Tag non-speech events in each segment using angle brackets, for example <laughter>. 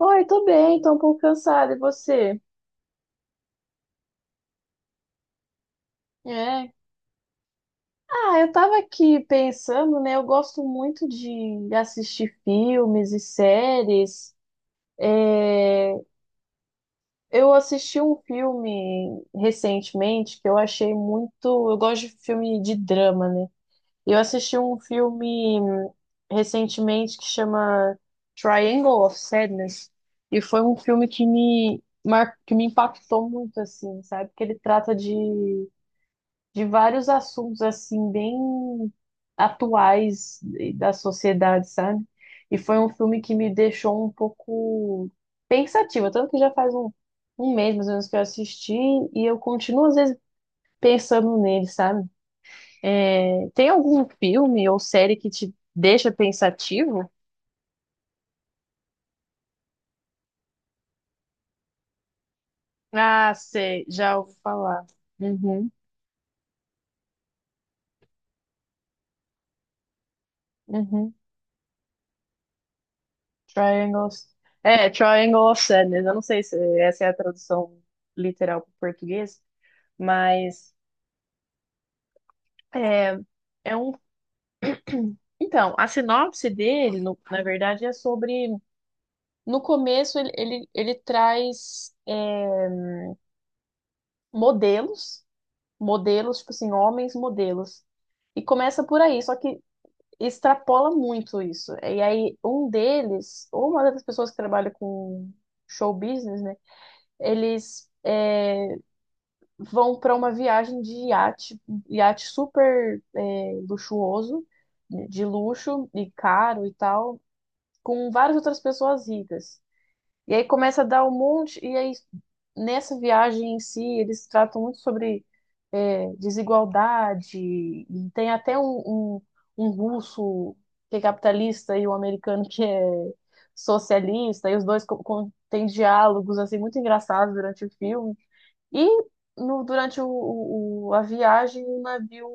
Oi, tô bem, tô um pouco cansada, e você? É. Ah, eu tava aqui pensando, né? Eu gosto muito de assistir filmes e séries. É, eu assisti um filme recentemente que eu achei muito. Eu gosto de filme de drama, né? Eu assisti um filme recentemente que chama Triangle of Sadness, e foi um filme que me impactou muito, assim, sabe? Porque ele trata de vários assuntos assim bem atuais da sociedade, sabe? E foi um filme que me deixou um pouco pensativa, tanto que já faz um mês mais ou menos que eu assisti e eu continuo às vezes pensando nele, sabe? É, tem algum filme ou série que te deixa pensativo? Ah, sei, já ouvi falar. Uhum, uhum. Triangles. É, Triangle of Sadness. Eu não sei se essa é a tradução literal para o português, mas é, é um. Então, a sinopse dele, na verdade, é sobre. No começo, ele traz modelos, modelos, tipo assim, homens modelos. E começa por aí, só que extrapola muito isso. E aí, um deles, ou uma das pessoas que trabalha com show business, né? Eles vão para uma viagem de iate, iate super luxuoso, né, de luxo e caro e tal, com várias outras pessoas ricas. E aí começa a dar um monte, e aí nessa viagem em si, eles tratam muito sobre desigualdade, e tem até um russo que é capitalista e um americano que é socialista, e os dois têm diálogos assim muito engraçados durante o filme. E no, durante a viagem, o navio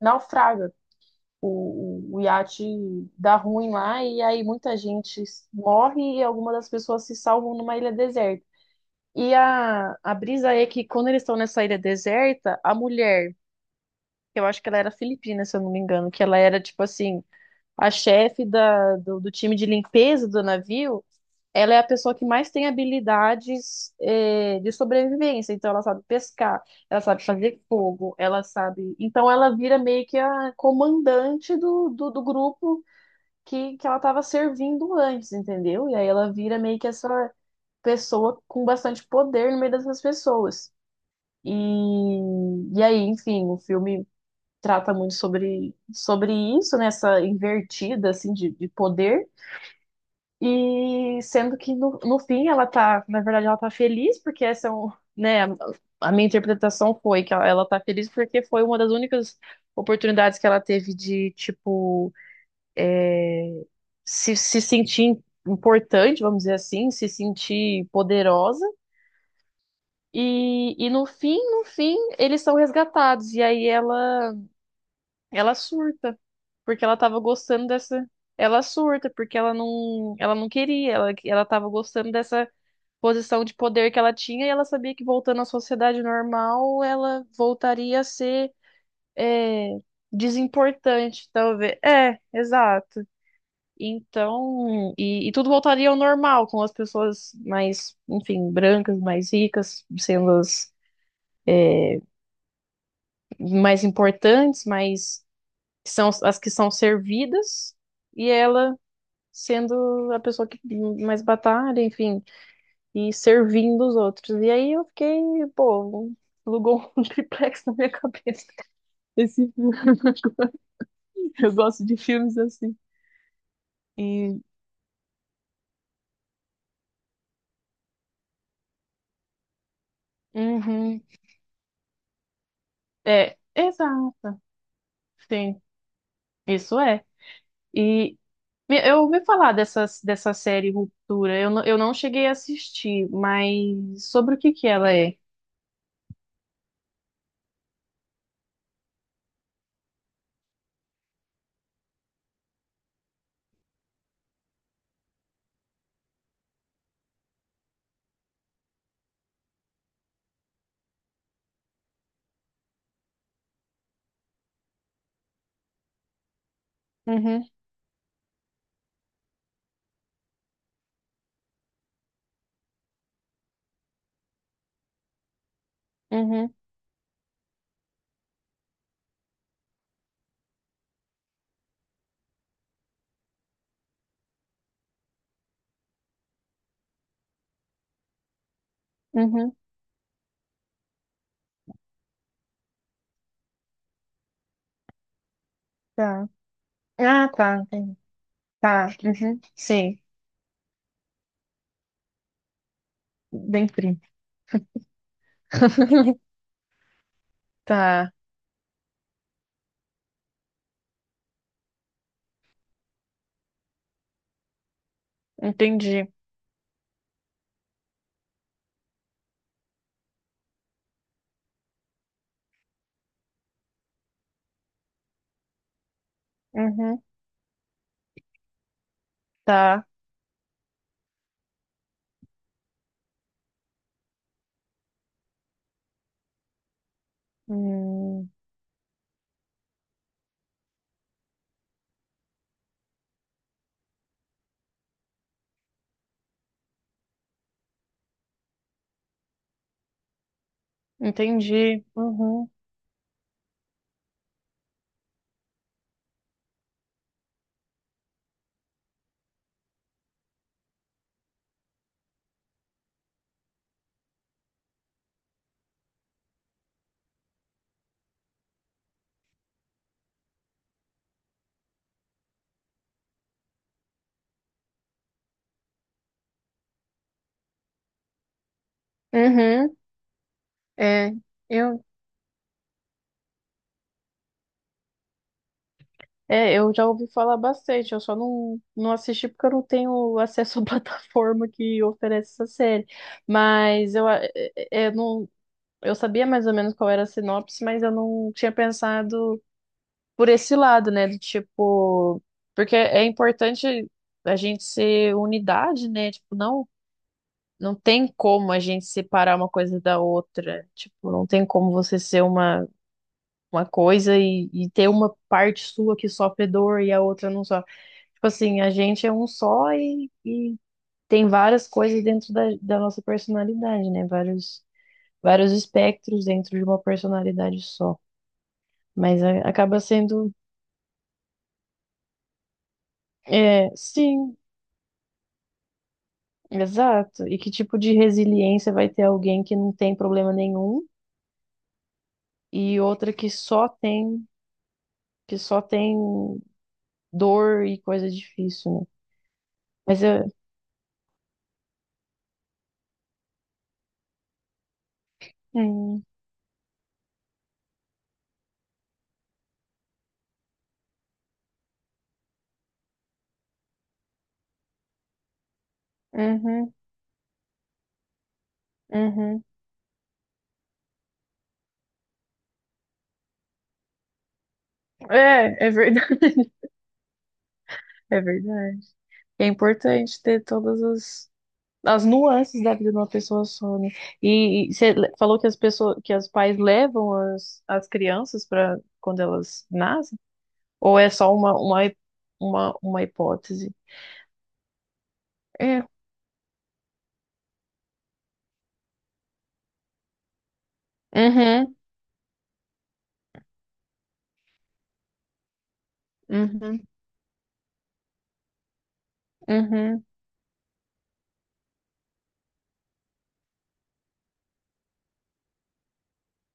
naufraga. O iate dá ruim lá, e aí muita gente morre e algumas das pessoas se salvam numa ilha deserta. E a brisa é que quando eles estão nessa ilha deserta, a mulher, que eu acho que ela era filipina, se eu não me engano, que ela era tipo assim, a chefe do time de limpeza do navio. Ela é a pessoa que mais tem habilidades, de sobrevivência. Então, ela sabe pescar, ela sabe fazer fogo, ela sabe. Então, ela vira meio que a comandante do grupo que ela estava servindo antes, entendeu? E aí ela vira meio que essa pessoa com bastante poder no meio dessas pessoas. E, e aí, enfim, o filme trata muito sobre isso, nessa invertida assim, de poder. E sendo que no fim ela tá, na verdade, ela tá feliz, porque essa é um, né, a minha interpretação foi que ela tá feliz porque foi uma das únicas oportunidades que ela teve de, tipo, se sentir importante, vamos dizer assim, se sentir poderosa. E no fim, eles são resgatados. E aí ela surta, porque ela tava gostando dessa. Ela surta, porque ela não queria, ela tava gostando dessa posição de poder que ela tinha e ela sabia que voltando à sociedade normal ela voltaria a ser é, desimportante, talvez. É, exato. Então, e tudo voltaria ao normal, com as pessoas mais, enfim, brancas, mais ricas, sendo as mais importantes, mais que são as que são servidas, e ela sendo a pessoa que mais batalha, enfim. E servindo os outros. E aí eu fiquei, pô, alugou <laughs> um triplex na minha cabeça. Esse filme. <laughs> Eu gosto de filmes assim. E. Uhum. É, exato. Sim, isso é. E eu ouvi falar dessa, série Ruptura. Eu não cheguei a assistir, mas sobre o que que ela é? Uhum, uhum, uhum. Tá. Ah, tá, entendi. Tá, uhum. Sim, bem frio. <laughs> Tá, entendi. Uhum. Tá. Hum, entendi. Uhum. Uhum. É, eu, eu já ouvi falar bastante, eu só não assisti porque eu não tenho acesso à <laughs> plataforma que oferece essa série. Mas eu, a- é- é- eu não, eu sabia mais ou menos qual era a sinopse, mas eu não tinha pensado por esse lado, né? Do tipo, porque é importante a gente ser unidade, né? Tipo, não tem como a gente separar uma coisa da outra. Tipo, não tem como você ser uma, coisa e ter uma parte sua que sofre dor e a outra não sofre. Tipo assim, a gente é um só e tem várias coisas dentro da nossa personalidade, né? Vários espectros dentro de uma personalidade só. Mas acaba sendo. É, sim, exato. E que tipo de resiliência vai ter alguém que não tem problema nenhum? E outra que só tem dor e coisa difícil, né? Mas é. Hum, uhum, uhum. É verdade. <laughs> É verdade. É importante ter todas as nuances da vida de uma pessoa só, né? E você falou que os pais levam as crianças para quando elas nascem? Ou é só uma hipótese? É. Uhum, uhum, uhum.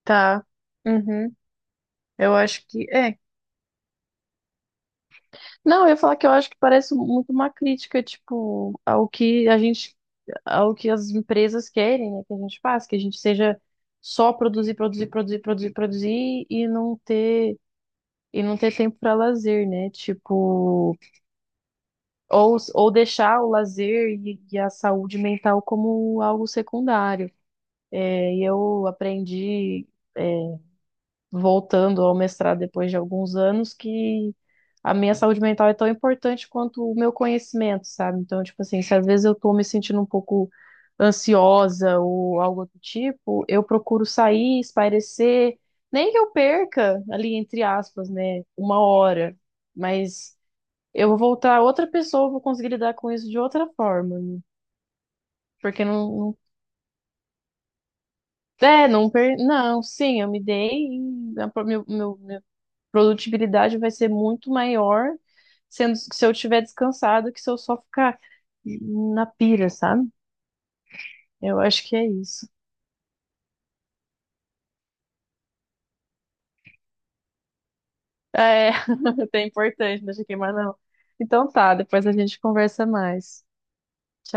Tá. Uhum. Eu acho que é. Não, eu ia falar que eu acho que parece muito uma crítica, tipo, ao que a gente, ao que as empresas querem, né, que a gente faça, que a gente seja só produzir, produzir, produzir, produzir, produzir e não ter tempo para lazer, né? Tipo, ou deixar o lazer e a saúde mental como algo secundário. É, e eu aprendi é, voltando ao mestrado depois de alguns anos, que a minha saúde mental é tão importante quanto o meu conhecimento, sabe? Então, tipo assim, se às vezes eu tô me sentindo um pouco ansiosa ou algo do tipo, eu procuro sair, espairecer, nem que eu perca ali, entre aspas, né, uma hora, mas eu vou voltar outra pessoa, eu vou conseguir lidar com isso de outra forma, né? porque não, não é, não, per... não, sim, eu me dei e meu produtibilidade vai ser muito maior sendo se eu estiver descansado que se eu só ficar na pira, sabe? Eu acho que é isso. É, <laughs> é importante, não deixa queimar não. Então tá, depois a gente conversa mais.